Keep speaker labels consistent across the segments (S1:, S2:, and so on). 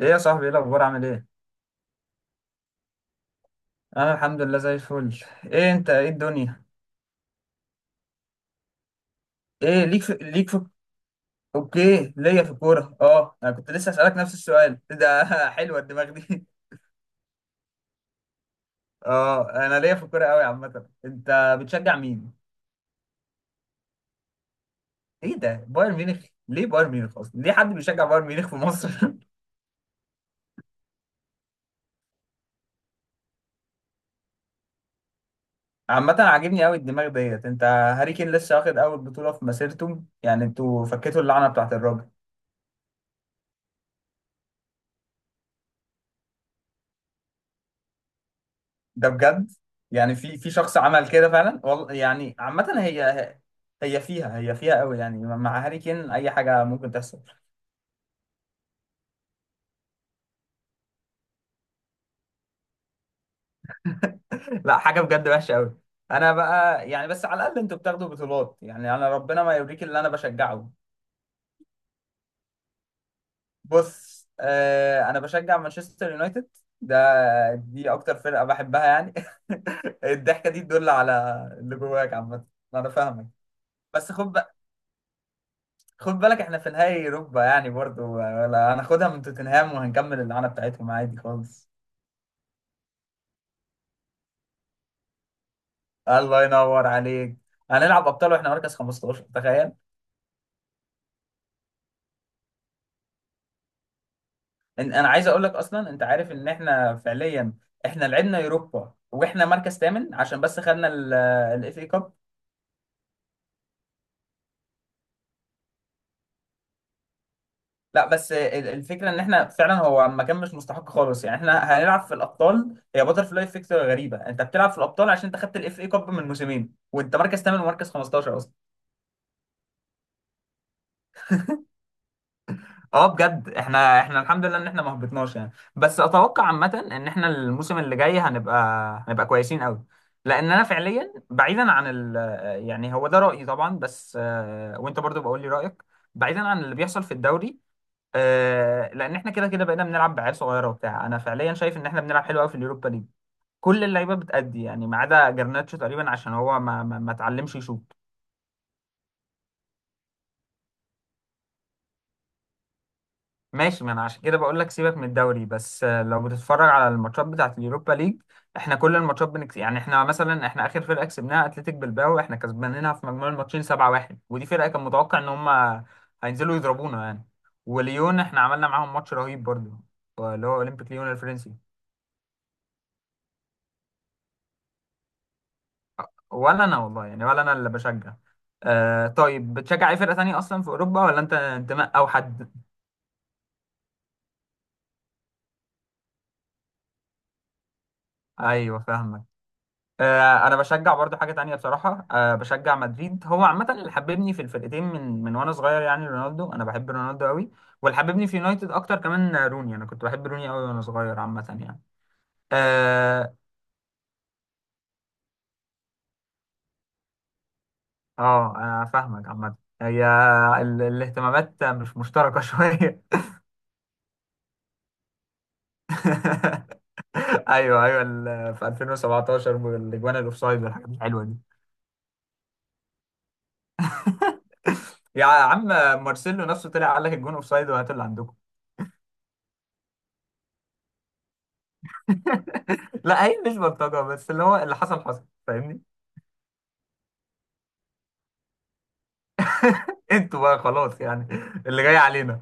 S1: ايه يا صاحبي، ايه الاخبار؟ عامل ايه؟ انا الحمد لله زي الفل. ايه انت؟ ايه الدنيا؟ ايه، ليك في. اوكي، ليا في الكوره. اه، انا كنت لسه اسالك نفس السؤال ده. حلوه الدماغ دي. اه، انا ليا في الكوره قوي عامه. انت بتشجع مين؟ ايه ده، بايرن ميونخ؟ ليه بايرن ميونخ اصلا؟ ليه حد بيشجع بايرن ميونخ في مصر؟ عامه عاجبني قوي الدماغ ديت. انت هاري كين لسه واخد اول بطوله في مسيرته، يعني انتوا فكيتوا اللعنه بتاعت الراجل. ده بجد؟ يعني في شخص عمل كده فعلا والله يعني. عامة هي فيها قوي، يعني مع هاري كين اي حاجة ممكن تحصل. لا، حاجة بجد وحشة قوي. انا بقى يعني بس على الاقل انتوا بتاخدوا بطولات، يعني انا ربنا ما يوريك اللي انا بشجعه. بص، انا بشجع مانشستر يونايتد. ده دي اكتر فرقة بحبها يعني. الضحكة دي تدل على اللي جواك، عامة انا فاهمك. بس خد بالك، احنا في نهائي اوروبا يعني برضو، ولا هناخدها من توتنهام وهنكمل اللعنه بتاعتهم عادي خالص. الله ينور عليك. هنلعب ابطال واحنا مركز 15، تخيل. انا عايز اقول لك اصلا، انت عارف ان احنا فعليا احنا لعبنا اوروبا واحنا مركز ثامن عشان بس خدنا الاف اي كاب. لا بس الفكره ان احنا فعلا، هو ما كان مش مستحق خالص يعني احنا هنلعب في الابطال. هي باتر فلاي افكت غريبه، انت بتلعب في الابطال عشان انت خدت الاف اي كاب من موسمين وانت مركز ثامن ومركز 15. اه بجد، احنا الحمد لله ان احنا ما هبطناش يعني، بس اتوقع عامه ان احنا الموسم اللي جاي هنبقى كويسين قوي. لان انا فعليا بعيدا عن يعني هو ده رايي طبعا، بس وانت برضو بقول لي رايك. بعيدا عن اللي بيحصل في الدوري، لان احنا كده كده بقينا بنلعب بعيال صغيره وبتاع. انا فعليا شايف ان احنا بنلعب حلو قوي في اليوروبا ليج. كل اللعيبه بتأدي يعني، ما عدا جرناتشو تقريبا عشان هو ما اتعلمش يشوط. ماشي، ما انا عشان كده بقول لك سيبك من الدوري، بس لو بتتفرج على الماتشات بتاعت اليوروبا ليج احنا كل الماتشات بنكس. يعني احنا مثلا، احنا اخر فرقه كسبناها اتلتيك بالباو احنا كسبانينها في مجموع الماتشين 7-1. ودي فرقه كان متوقع ان هم هينزلوا يضربونا يعني. وليون احنا عملنا معاهم ماتش رهيب برضو، اللي هو اولمبيك ليون الفرنسي. ولا انا والله يعني، ولا انا اللي بشجع. طيب بتشجع اي فرقه تانية اصلا في اوروبا، ولا انت انتماء او حد؟ ايوه فاهمك. انا بشجع برضو حاجه تانية بصراحه، بشجع مدريد. هو عامه اللي حببني في الفرقتين من وانا صغير، يعني رونالدو، انا بحب رونالدو قوي. واللي حببني في يونايتد اكتر كمان روني، انا كنت بحب روني قوي وانا صغير عامه يعني. اه اه، انا فاهمك عامه. هي الاهتمامات مش مشتركه شويه. ايوه ايوه، في 2017 والاجوان الاوفسايد والحاجات الحلوه دي. يا عم، مارسيلو نفسه طلع قال لك الجون اوفسايد، وهات اللي عندكم. لا هي مش بلطجة، بس اللي هو اللي حصل حصل، فاهمني. انتوا بقى خلاص يعني، اللي جاي علينا.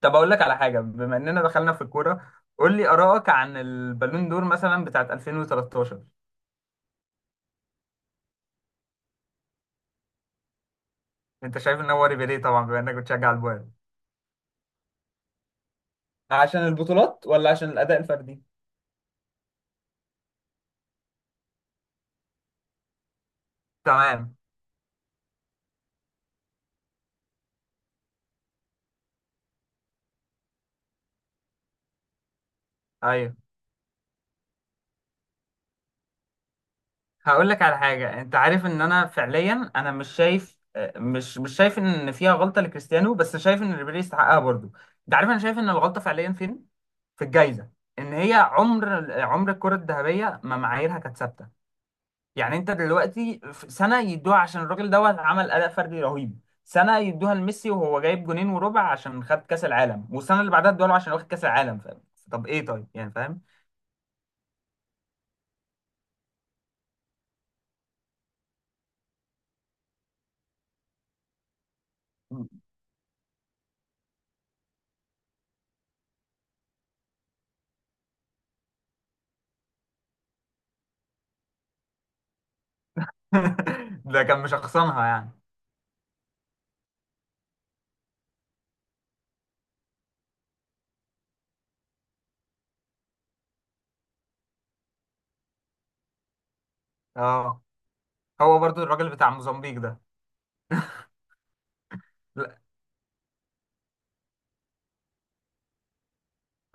S1: طب اقول لك على حاجة، بما اننا دخلنا في الكورة قول لي آرائك عن البالون دور مثلا بتاعت 2013. انت شايف ان هو ريبيري، طبعا بما انك بتشجع البايرن، عشان البطولات ولا عشان الأداء الفردي؟ تمام. ايوه، هقول لك على حاجة. انت عارف ان انا فعليا انا مش شايف مش شايف ان فيها غلطة لكريستيانو، بس شايف ان ريبيري يستحقها برضه. انت عارف انا شايف ان الغلطة فعليا فين؟ في الجايزه. ان هي عمر الكره الذهبيه ما معاييرها كانت ثابته. يعني انت دلوقتي في سنه يدوها عشان الراجل دوت عمل اداء فردي رهيب، سنه يدوها لميسي وهو جايب جونين وربع عشان خد كاس العالم، والسنه اللي بعدها ادوها له عشان واخد كاس العالم، فاهم. طب ايه، طيب يعني فاهم. ده كان مشخصنها يعني. اه، هو برضو الراجل بتاع موزمبيق ده. لا.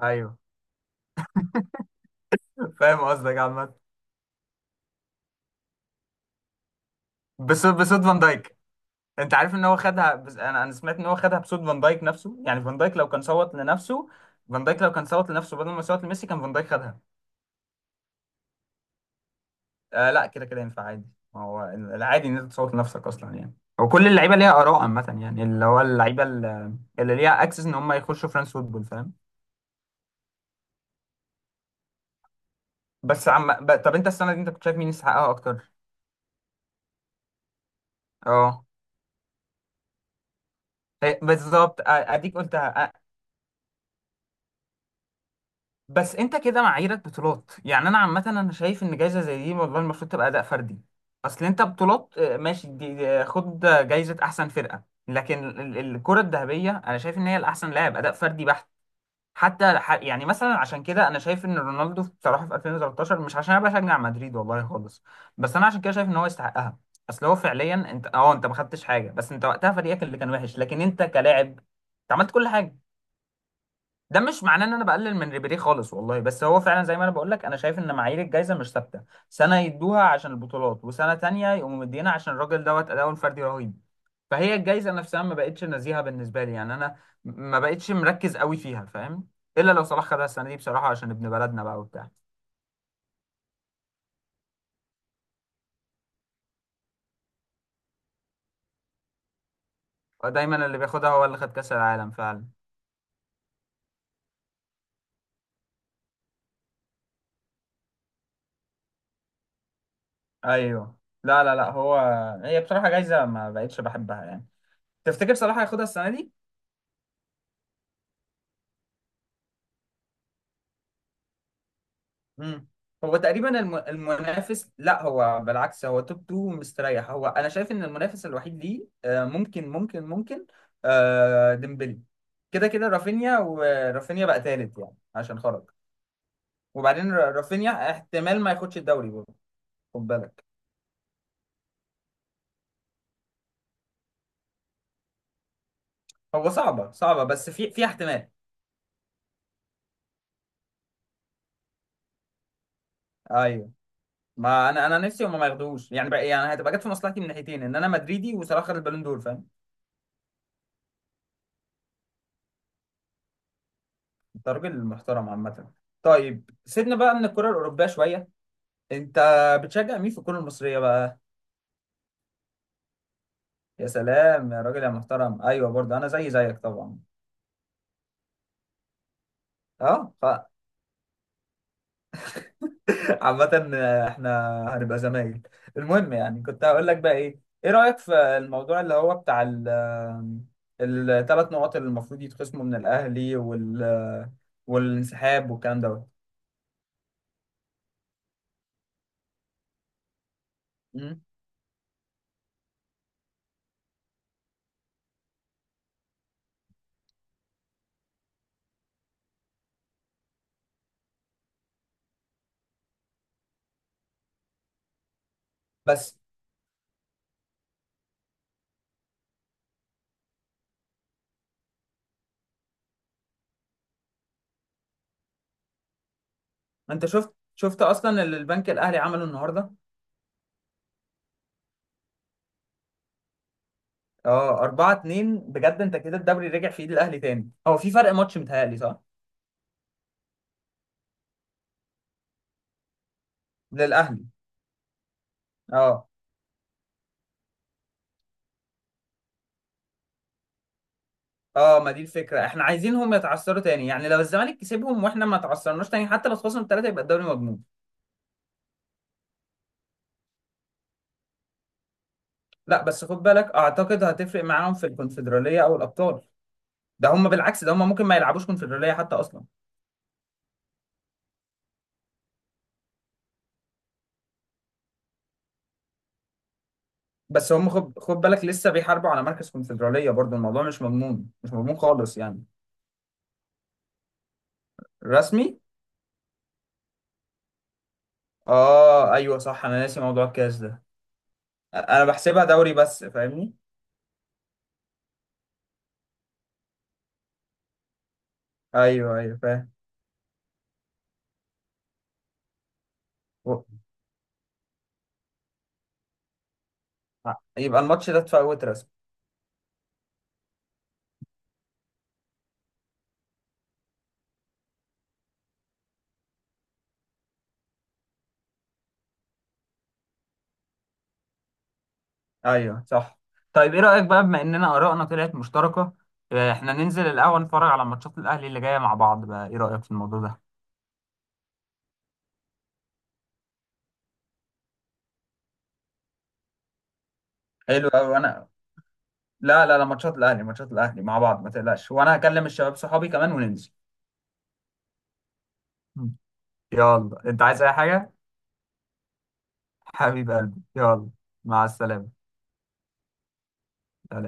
S1: ايوه فاهم قصدك يا عماد. بس فان دايك، انت عارف ان هو خدها، بس انا سمعت ان هو خدها بصوت فان دايك نفسه. يعني فان دايك لو كان صوت لنفسه، فان دايك لو كان صوت لنفسه بدل ما يصوت لميسي كان فان دايك خدها. آه لا، كده كده ينفع عادي. ما هو العادي ان انت تصوت لنفسك اصلا يعني. وكل اللعيبه ليها اراء عامه يعني، اللي هو اللعيبه اللي اللي ليها اكسس ان هم يخشوا فرانس فوتبول، فاهم. بس عم طب انت السنه دي انت كنت شايف مين يستحقها اكتر؟ اه. بالظبط اديك قلتها. بس انت كده معاييرك بطولات، يعني انا عامه انا شايف ان جايزه زي دي والله المفروض تبقى اداء فردي. اصل انت بطولات، ماشي خد جايزه احسن فرقه. لكن الكره الذهبيه انا شايف ان هي الاحسن لاعب، اداء فردي بحت. حتى يعني مثلا، عشان كده انا شايف ان رونالدو بصراحه في 2013، مش عشان انا بشجع مدريد والله خالص، بس انا عشان كده شايف ان هو يستحقها. اصل هو فعليا، انت ما خدتش حاجه، بس انت وقتها فريقك اللي كان وحش، لكن انت كلاعب انت عملت كل حاجه. ده مش معناه ان انا بقلل من ريبيري خالص والله، بس هو فعلا زي ما انا بقول لك، انا شايف ان معايير الجائزه مش ثابته. سنه يدوها عشان البطولات، وسنه تانية يقوموا مدينا عشان الراجل دوت اداؤه الفردي رهيب. فهي الجائزه نفسها ما بقتش نزيهه بالنسبه لي، يعني انا ما بقتش مركز قوي فيها، فاهم. الا لو صلاح خدها السنه دي بصراحه، عشان ابن بلدنا بقى وبتاع. دايما اللي بياخدها هو اللي خد كاس العالم فعلا. ايوه. لا لا لا، هو هي بصراحه جايزه ما بقتش بحبها يعني. تفتكر صلاح هياخدها السنه دي؟ مم. هو تقريبا المنافس، لا هو بالعكس، هو توب 2 مستريح. هو انا شايف ان المنافس الوحيد ليه ممكن ممكن ممكن ديمبلي. كده كده رافينيا، ورافينيا بقى تالت يعني عشان خرج. وبعدين رافينيا احتمال ما ياخدش الدوري برضه، خد بالك. هو صعبة صعبة، بس في احتمال. ايوه، ما انا نفسي هما ما ياخدوش يعني بقى، يعني هتبقى جت في مصلحتي من ناحيتين، ان انا مدريدي وصلاح خد البالون دور، فاهم. انت راجل محترم عامة. طيب سيبنا بقى من الكرة الأوروبية شوية. انت بتشجع مين في الكرة المصرية بقى؟ يا سلام يا راجل يا محترم، ايوه برضه انا زي زيك طبعا. اه عامة احنا هنبقى زمايل. المهم، يعني كنت هقول لك بقى، ايه رأيك في الموضوع اللي هو بتاع الثلاث نقط اللي المفروض يتخصموا من الاهلي، والانسحاب والكلام دوت؟ مم. بس انت شفت اصلا اللي البنك الاهلي عمله النهارده؟ اه 4-2، بجد انت كده الدوري رجع في ايد الاهلي تاني. هو في فرق ماتش، متهيألي صح؟ للاهلي. اه اه، ما دي الفكره، احنا عايزينهم يتعثروا تاني. يعني لو الزمالك كسبهم واحنا ما تعثرناش تاني، حتى لو خسرنا ثلاثه يبقى الدوري مضمون. لا بس خد بالك، اعتقد هتفرق معاهم في الكونفدراليه او الابطال. ده هم بالعكس، ده هم ممكن ما يلعبوش كونفدراليه حتى اصلا. بس هم خد بالك لسه بيحاربوا على مركز كونفدراليه برضو، الموضوع مش مضمون مش مضمون خالص يعني. رسمي. اه ايوه صح، انا ناسي موضوع الكاس ده. انا بحسبها دوري بس، فاهمني. ايوه ايوه فاهم. و- يبقى الماتش ده اتفوت رسمي. ايوه صح. طيب ايه رأيك بقى، بما اننا آرائنا طلعت مشتركة، احنا ننزل القهوة نتفرج على ماتشات الأهلي اللي جاية مع بعض بقى، ايه رأيك في الموضوع ده؟ حلو قوي، وانا... لا لا لا، ماتشات الاهلي مع بعض، ما تقلقش، وانا هكلم الشباب صحابي كمان وننزل. مم. يلا، انت عايز اي حاجة؟ حبيب قلبي يلا. مع السلامة. سلام.